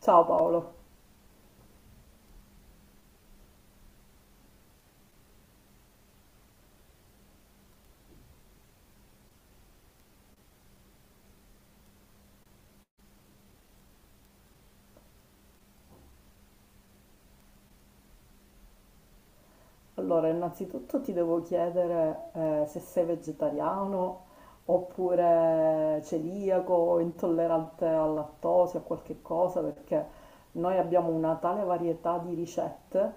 Ciao Paolo. Allora, innanzitutto ti devo chiedere se sei vegetariano oppure celiaco o intollerante al lattosio o qualche cosa, perché noi abbiamo una tale varietà di ricette,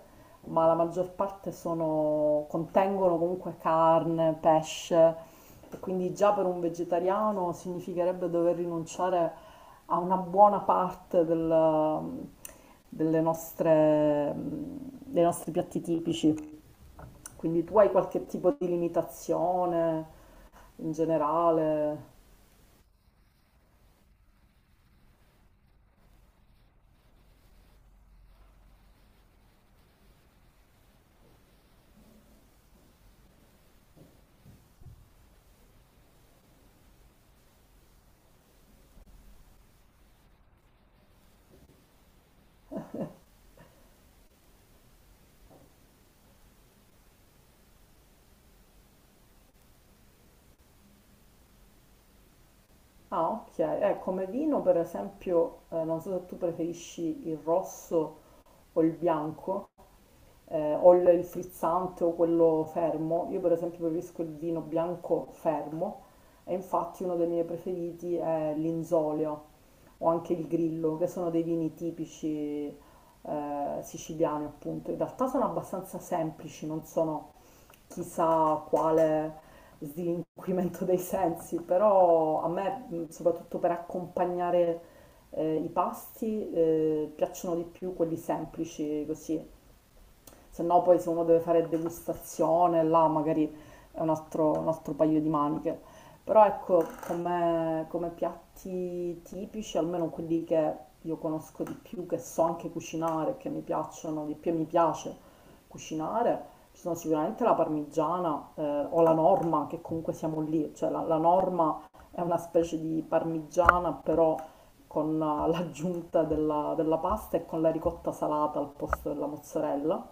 ma la maggior parte contengono comunque carne, pesce, e quindi già per un vegetariano significherebbe dover rinunciare a una buona parte dei nostri piatti tipici. Quindi tu hai qualche tipo di limitazione in generale? Ah, ok. Come vino, per esempio, non so se tu preferisci il rosso o il bianco, o il frizzante o quello fermo. Io, per esempio, preferisco il vino bianco fermo e infatti uno dei miei preferiti è l'inzolio o anche il grillo, che sono dei vini tipici siciliani, appunto. In realtà sono abbastanza semplici, non sono chissà quale slinquimento dei sensi, però a me, soprattutto per accompagnare i pasti, piacciono di più quelli semplici, così, se no poi se uno deve fare degustazione, là magari è un altro paio di maniche. Però ecco, come piatti tipici, almeno quelli che io conosco di più, che so anche cucinare, che mi piacciono di più e mi piace cucinare, ci sono sicuramente la parmigiana o la norma, che comunque siamo lì, cioè la norma è una specie di parmigiana, però con l'aggiunta della pasta e con la ricotta salata al posto della mozzarella.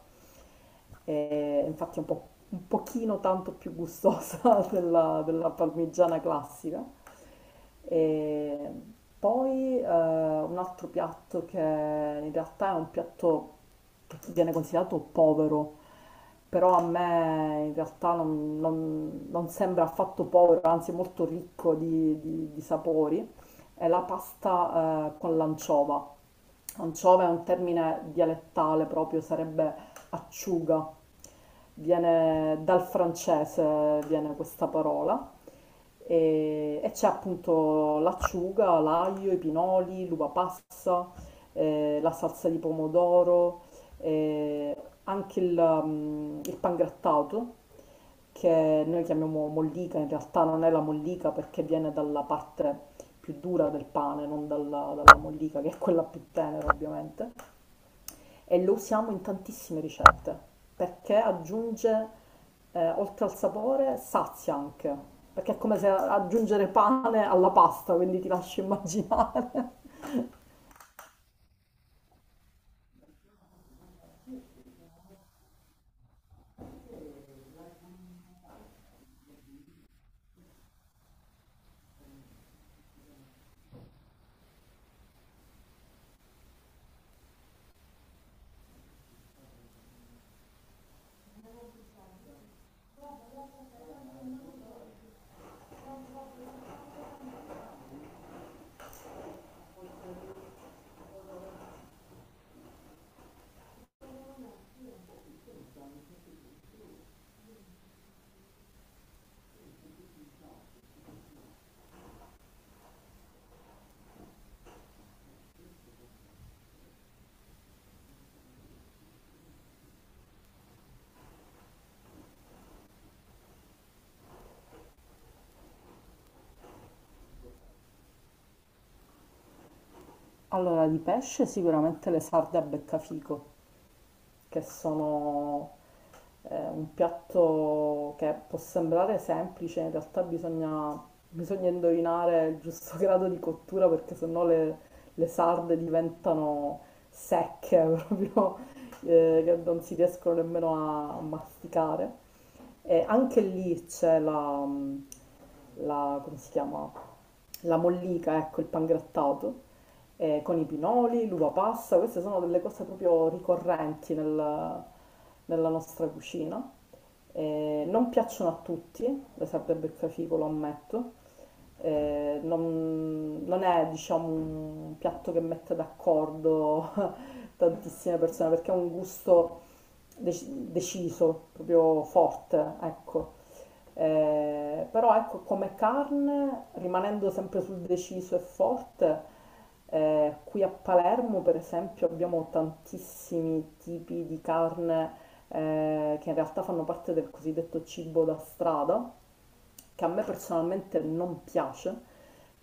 E infatti è un po', un pochino tanto più gustosa della parmigiana classica. E poi un altro piatto che in realtà è un piatto che viene considerato povero, però a me in realtà non sembra affatto povero, anzi è molto ricco di sapori, è la pasta con l'anciova. Anciova è un termine dialettale proprio, sarebbe acciuga. Viene dal francese, viene questa parola e c'è appunto l'acciuga, l'aglio, i pinoli, l'uva passa, la salsa di pomodoro, eh, anche il pangrattato che noi chiamiamo mollica, in realtà non è la mollica perché viene dalla parte più dura del pane, non dalla mollica che è quella più tenera ovviamente e lo usiamo in tantissime ricette perché aggiunge, oltre al sapore, sazia anche, perché è come se aggiungere pane alla pasta, quindi ti lascio immaginare. Allora, di pesce sicuramente le sarde a beccafico, che sono un piatto che può sembrare semplice, in realtà bisogna indovinare il giusto grado di cottura perché sennò le sarde diventano secche proprio, che non si riescono nemmeno a masticare. E anche lì c'è la, come si chiama? La mollica, ecco, il pangrattato, con i pinoli, l'uva passa, queste sono delle cose proprio ricorrenti nella nostra cucina. Non piacciono a tutti, le serve il beccafico, lo ammetto, non è diciamo un piatto che mette d'accordo tantissime persone perché ha un gusto deciso, proprio forte, ecco. Però ecco, come carne, rimanendo sempre sul deciso e forte, qui a Palermo, per esempio, abbiamo tantissimi tipi di carne che in realtà fanno parte del cosiddetto cibo da strada, che a me personalmente non piace,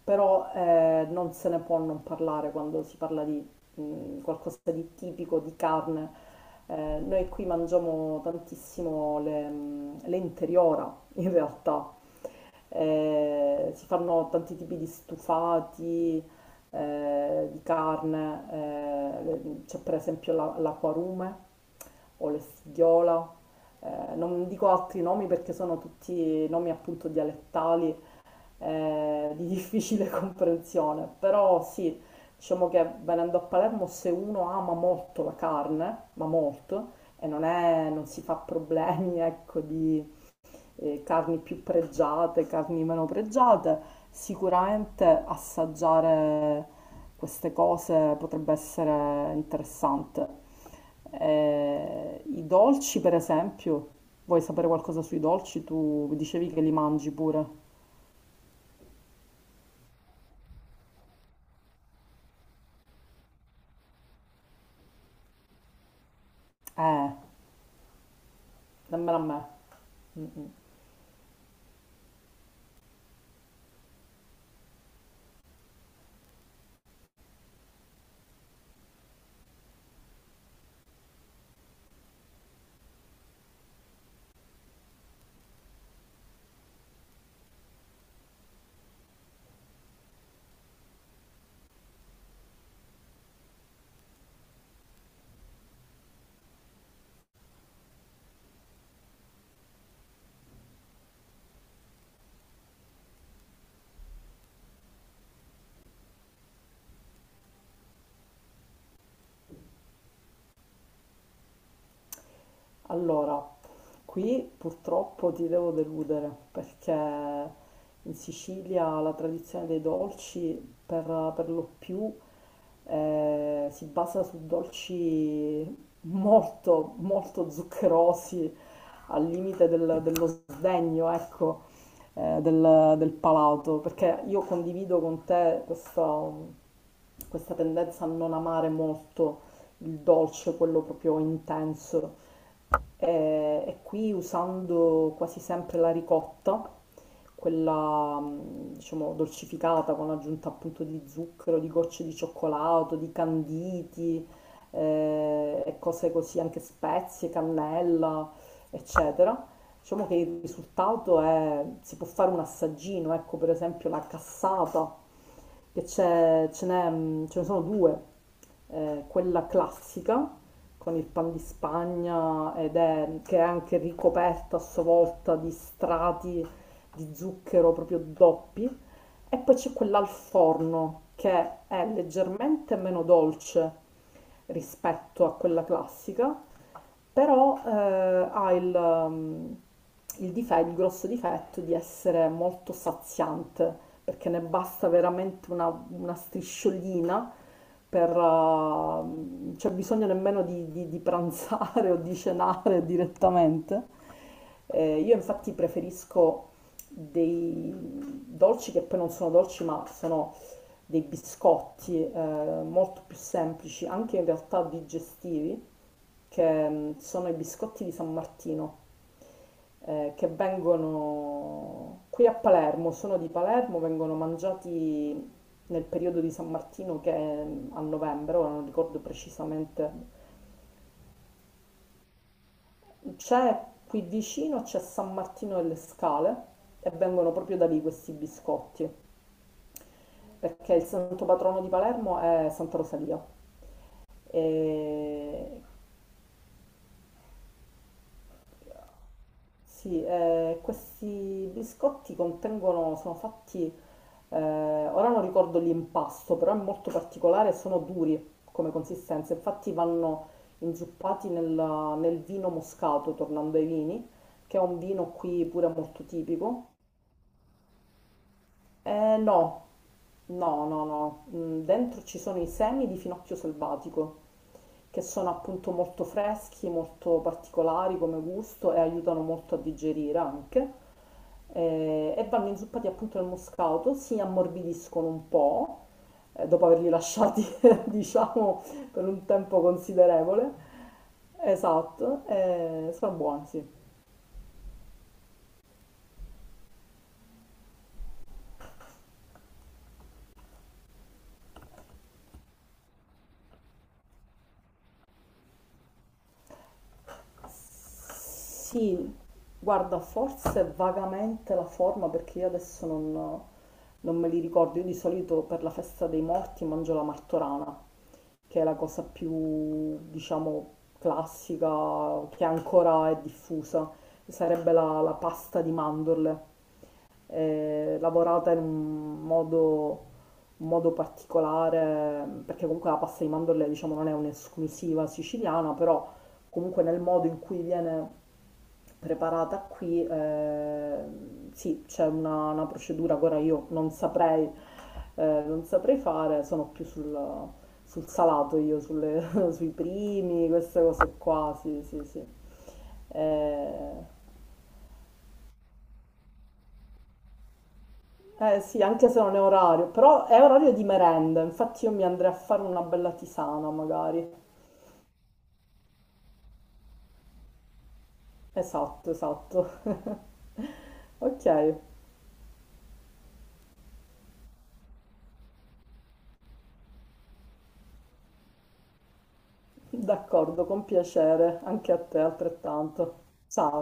però non se ne può non parlare quando si parla di qualcosa di tipico, di carne. Noi qui mangiamo tantissimo le interiora, in realtà, si fanno tanti tipi di stufati di carne, c'è per esempio l'acquarume o l'estigliola, non dico altri nomi perché sono tutti nomi appunto dialettali di difficile comprensione, però sì, diciamo che venendo a Palermo se uno ama molto la carne, ma molto, e non si fa problemi, ecco, di carni più pregiate, carni meno pregiate, sicuramente assaggiare queste cose potrebbe essere interessante. I dolci, per esempio, vuoi sapere qualcosa sui dolci? Tu dicevi che li mangi pure. Eh, Dammela a me. Allora, qui purtroppo ti devo deludere perché in Sicilia la tradizione dei dolci per, lo più si basa su dolci molto, molto zuccherosi, al limite dello sdegno, ecco, del palato, perché io condivido con te questa tendenza a non amare molto il dolce, quello proprio intenso e qui usando quasi sempre la ricotta quella diciamo dolcificata con aggiunta appunto di zucchero, di gocce di cioccolato, di canditi e cose così, anche spezie, cannella, eccetera. Diciamo che il risultato è, si può fare un assaggino, ecco per esempio la cassata, che c'è, ce ne sono due, quella classica con il pan di Spagna ed è, che è anche ricoperta a sua volta di strati di zucchero proprio doppi e poi c'è quella al forno che è leggermente meno dolce rispetto a quella classica, però ha il grosso difetto di essere molto saziante, perché ne basta veramente una strisciolina per, c'è bisogno nemmeno di pranzare o di cenare direttamente. Io infatti preferisco dei dolci che poi non sono dolci, ma sono dei biscotti molto più semplici, anche in realtà digestivi, che sono i biscotti di San Martino, che vengono qui a Palermo, sono di Palermo, vengono mangiati nel periodo di San Martino che è a novembre, ora non ricordo precisamente. C'è qui vicino, c'è San Martino delle Scale e vengono proprio da lì questi biscotti, perché il santo patrono di Palermo è Santa Rosalia. E sì, questi biscotti contengono, sono fatti, eh, ora non ricordo l'impasto, però è molto particolare e sono duri come consistenza, infatti vanno inzuppati nel, vino moscato, tornando ai vini, che è un vino qui pure molto tipico. No, no, no, no. Dentro ci sono i semi di finocchio selvatico, che sono appunto molto freschi, molto particolari come gusto e aiutano molto a digerire anche. E vanno inzuppati appunto nel moscato, si ammorbidiscono un po', dopo averli lasciati, diciamo, per un tempo considerevole. Esatto, sono buoni, sì. Sì, guarda, forse vagamente la forma perché io adesso non, me li ricordo. Io di solito per la festa dei morti mangio la martorana, che è la cosa più, diciamo, classica, che ancora è diffusa. Sarebbe la pasta di mandorle, lavorata in un modo, particolare, perché comunque la pasta di mandorle, diciamo, non è un'esclusiva siciliana, però comunque nel modo in cui viene preparata qui, sì, c'è una, procedura che ora io non saprei, non saprei fare, sono più sul salato io, sui primi, queste cose qua, sì, sì, sì. Eh, sì, anche se non è orario, però è orario di merenda, infatti io mi andrei a fare una bella tisana magari. Esatto, esatto. Ok, d'accordo, con piacere, anche a te altrettanto. Ciao.